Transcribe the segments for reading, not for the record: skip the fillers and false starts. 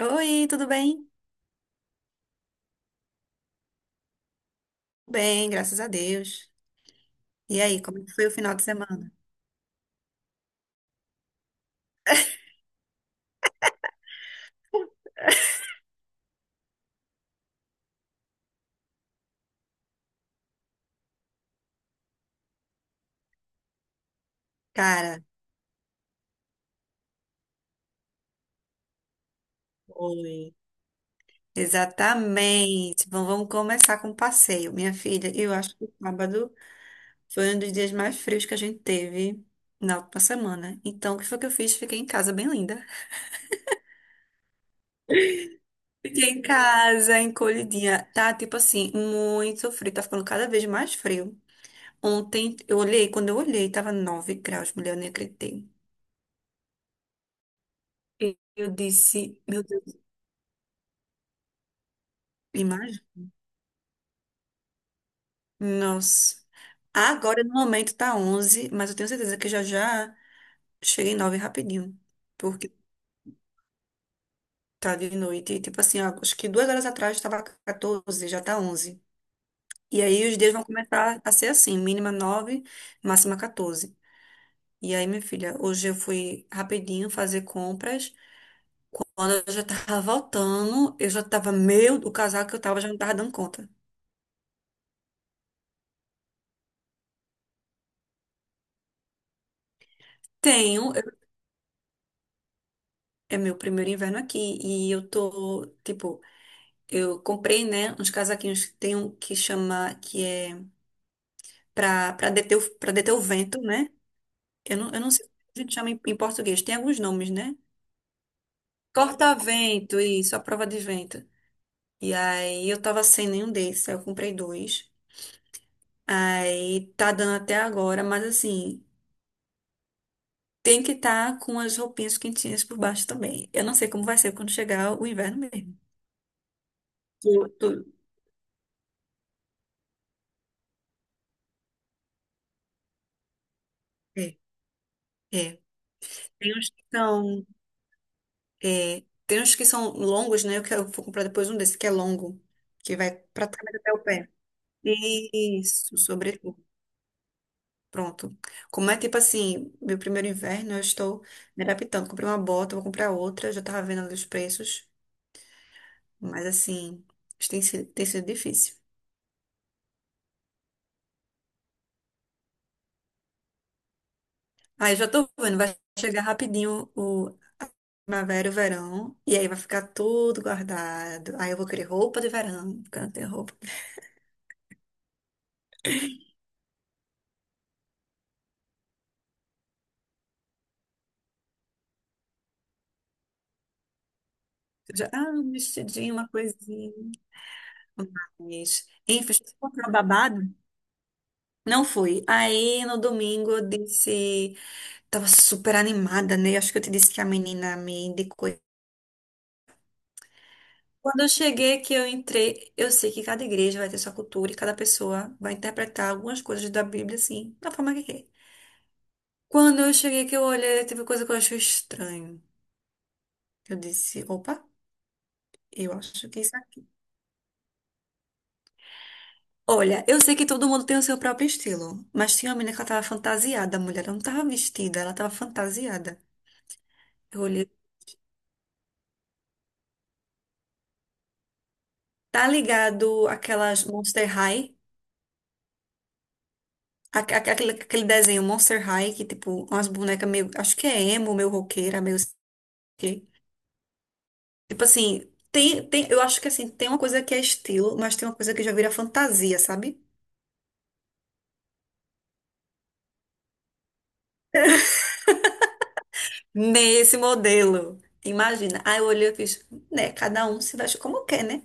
Oi, tudo bem? Bem, graças a Deus. E aí, como é que foi o final de semana? Cara. Oi. Exatamente. Bom, vamos começar com o passeio. Minha filha, eu acho que o sábado foi um dos dias mais frios que a gente teve na última semana. Então, o que foi que eu fiz? Fiquei em casa bem linda. Fiquei em casa, encolhidinha. Tá, tipo assim, muito frio. Tá ficando cada vez mais frio. Ontem, eu olhei, quando eu olhei, tava 9 graus, mulher, eu nem acreditei. E eu disse, meu Deus. Nossa. Agora, no momento, tá 11, mas eu tenho certeza que já já cheguei em 9 rapidinho. Porque tá de noite. E, tipo assim, ó, acho que 2 horas atrás tava 14, já tá 11. E aí os dias vão começar a ser assim, mínima 9, máxima 14. E aí, minha filha, hoje eu fui rapidinho fazer compras. Quando eu já tava voltando, eu já tava meio… O casaco que eu tava já não tava dando conta. Tenho, é meu primeiro inverno aqui e eu tô, tipo, eu comprei, né, uns casaquinhos. Que Tem um que chama, que é para deter, pra deter o vento, né? Eu não sei como a gente chama em, em português. Tem alguns nomes, né? Corta-vento, isso, a prova de vento. E aí eu tava sem nenhum desses, aí eu comprei dois. Aí tá dando até agora, mas assim, tem que estar com as roupinhas quentinhas por baixo também. Eu não sei como vai ser quando chegar o inverno mesmo. Tu, tu- é, é. Tem uns que são É, tem uns que são longos, né? Vou comprar depois um desse que é longo, que vai pra trás até o pé. Isso, sobretudo. Pronto. Como é tipo assim, meu primeiro inverno, eu estou me adaptando. Comprei uma bota, vou comprar outra, já tava vendo ali os preços, mas assim, isso tem sido difícil. Aí já tô vendo, vai chegar rapidinho o primavera e o verão, e aí vai ficar tudo guardado. Aí eu vou querer roupa de verão, porque eu não tenho roupa. Já, ah, um vestidinho, uma coisinha. Mas, enfim, fui comprar o babado. Não fui. Aí no domingo eu disse, tava super animada, né? Acho que eu te disse que a menina me indicou. Quando eu cheguei, que eu entrei, eu sei que cada igreja vai ter sua cultura e cada pessoa vai interpretar algumas coisas da Bíblia, assim, da forma que quer. Quando eu cheguei, que eu olhei, teve coisa que eu achei estranho. Eu disse, opa, eu acho que é isso aqui. Olha, eu sei que todo mundo tem o seu próprio estilo, mas tinha uma menina que ela tava fantasiada, a mulher ela não tava vestida, ela tava fantasiada. Olhe, tá ligado aquelas Monster High? Aquele, aquele desenho Monster High, que, tipo, umas bonecas meio. Acho que é emo, meio roqueira, meio. Sei o quê. Tipo assim, eu acho que assim, tem uma coisa que é estilo, mas tem uma coisa que já vira fantasia, sabe? Nesse modelo. Imagina. Aí eu olhei e fiz, né? Cada um se veste como quer, né?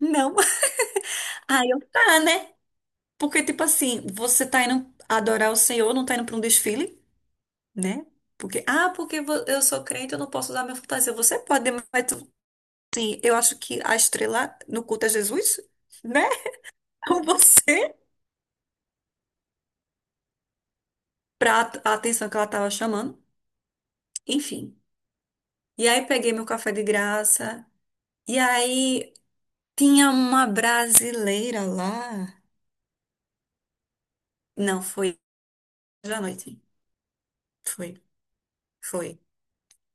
Não. Aí eu, tá, né? Porque, tipo assim, você tá indo adorar o Senhor, não tá indo pra um desfile? Né? Porque, ah, porque eu sou crente, eu não posso usar minha fantasia. Você pode, mas sim, eu acho que a estrela no culto é Jesus, né? Com você, a atenção que ela tava chamando. Enfim. E aí peguei meu café de graça. E aí tinha uma brasileira lá. Não, foi hoje à noite. Foi, foi.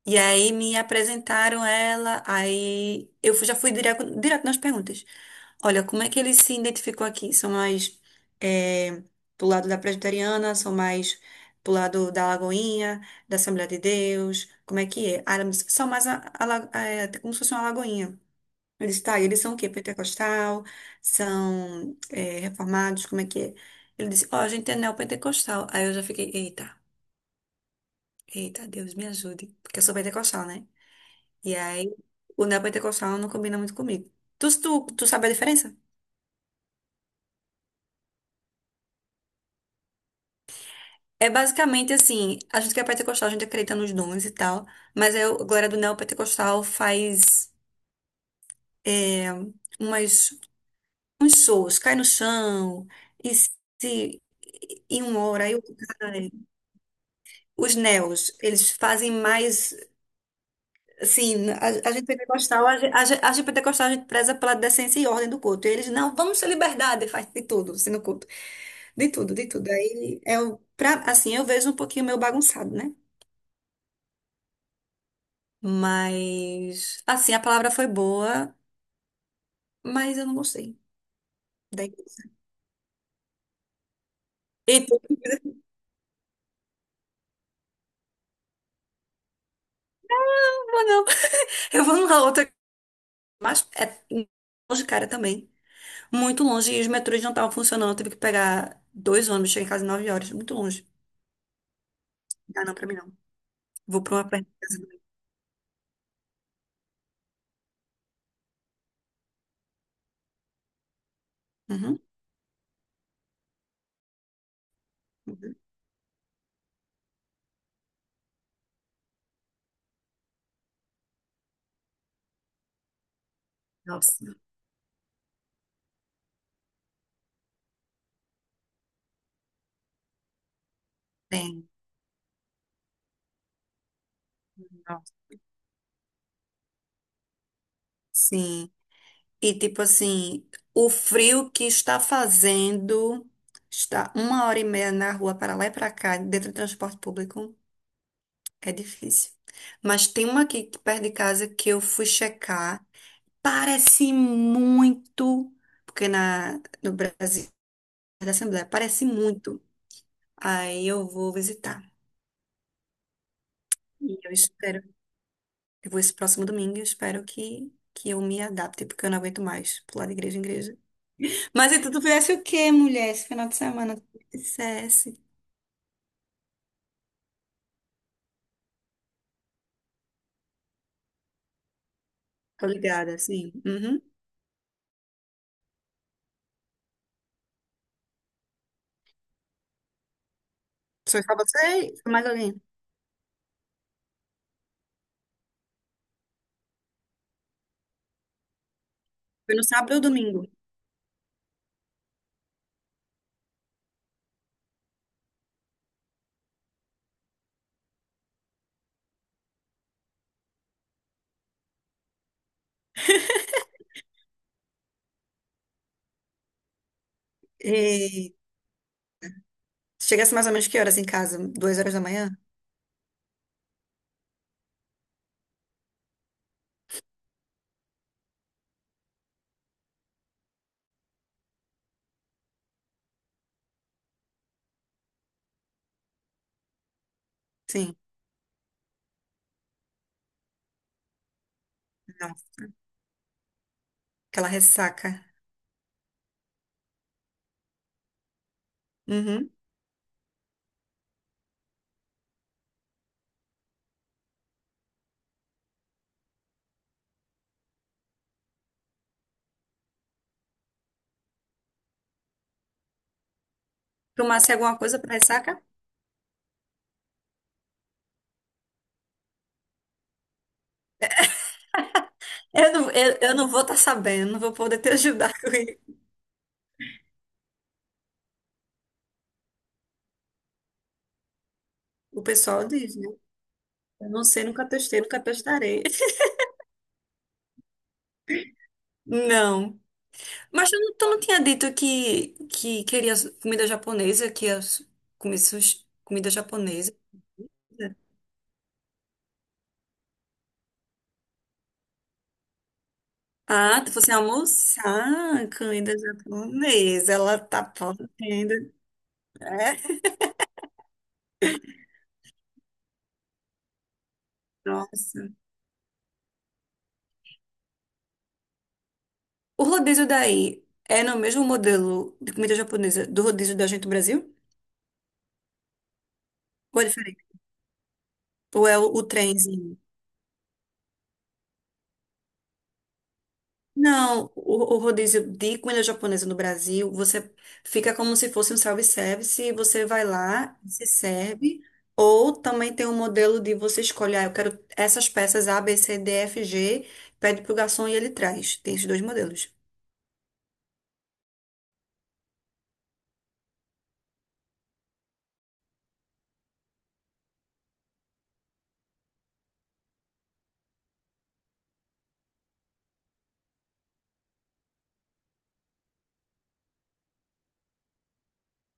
E aí me apresentaram ela, aí já fui direto, direto nas perguntas. Olha, como é que ele se identificou aqui? São mais eh, pro lado da presbiteriana, são mais pro lado da Lagoinha, da Assembleia de Deus, como é que é? Ah, ela me disse, são mais como se fosse uma Lagoinha. Eu disse, tá, e eles são o quê? Pentecostal? São reformados? Como é que é? Ele disse, ó, a gente é neopentecostal. Aí eu já fiquei, eita, eita, Deus me ajude, porque eu sou pentecostal, né? E aí, o neopentecostal não combina muito comigo. Tu sabe a diferença? É basicamente assim, a gente que é pentecostal, a gente acredita nos dons e tal, mas aí a galera do neopentecostal faz é, umas, uns shows, cai no chão, e se e um ora, aí outro cai. Os neos, eles fazem mais, assim, a gente pentecostal, a gente pentecostal, a gente preza pela decência e ordem do culto. E eles, não, vamos ter liberdade, faz de tudo, assim, no culto. De tudo, de tudo. Aí é o pra, assim, eu vejo um pouquinho meio bagunçado, né? Mas assim, a palavra foi boa, mas eu não gostei. Daí, eita, eu não vou não. Eu vou numa outra, mas é longe, cara, também. Muito longe e os metrôs não estavam funcionando, eu tive que pegar dois ônibus, cheguei em casa 9 horas, muito longe. Ah, não, pra mim não. Vou pra uma perto de casa. Uhum, uhum. Nossa, tem. Nossa, sim. E tipo assim, o frio que está fazendo, está uma hora e meia na rua para lá e para cá, dentro do transporte público, é difícil. Mas tem uma aqui perto de casa que eu fui checar, parece muito, porque no Brasil, da Assembleia, parece muito. Aí eu vou visitar. E eu espero, eu vou esse próximo domingo, eu espero que eu me adapte, porque eu não aguento mais pular de igreja em igreja. Mas então tu fizesse o quê, mulher, esse final de semana? Tu fizesse. Tô ligada, sim. Uhum. Foi só você e foi mais alguém? Foi no sábado ou domingo? E chegasse mais ou menos que horas em casa? 2 horas da manhã? Sim. Não. Aquela ressaca. Uhum. Tomasse alguma coisa pra ressaca? Eu não vou estar sabendo, não vou poder te ajudar com isso. O pessoal diz, né? Eu não sei, nunca testei, nunca testarei. Não. Mas tu não tinha dito que queria comida japonesa, que ia comida japonesa? Ah, tu fosse almoçar comida japonesa. Ela tá podendo. É? Nossa. O rodízio daí é no mesmo modelo de comida japonesa do rodízio da gente no Brasil? Ou é diferente? Ou é o trenzinho? Não, o rodízio de comida japonesa no Brasil, você fica como se fosse um self-service, e você vai lá, se serve, ou também tem um modelo de você escolher, ah, eu quero essas peças A, B, C, D, F, G, pede pro garçom e ele traz. Tem esses dois modelos.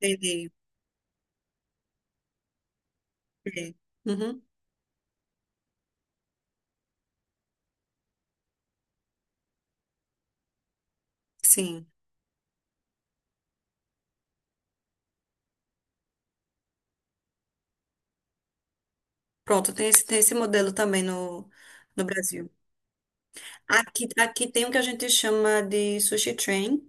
Entendi. É. Uhum, sim. Pronto, tem esse modelo também no Brasil. Aqui, aqui tem o que a gente chama de sushi train,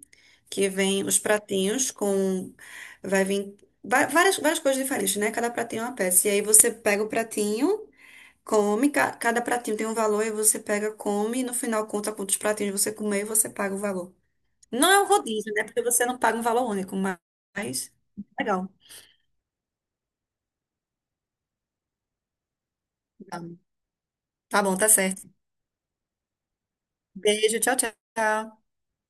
que vem os pratinhos com. Vai vir várias, várias coisas diferentes, né? Cada pratinho é uma peça. E aí você pega o pratinho, come, cada pratinho tem um valor, e você pega, come, e no final conta quantos pratinhos você comer e você paga o valor. Não é um rodízio, né? Porque você não paga um valor único, mas. Legal. Tá bom, tá certo. Beijo, tchau, tchau.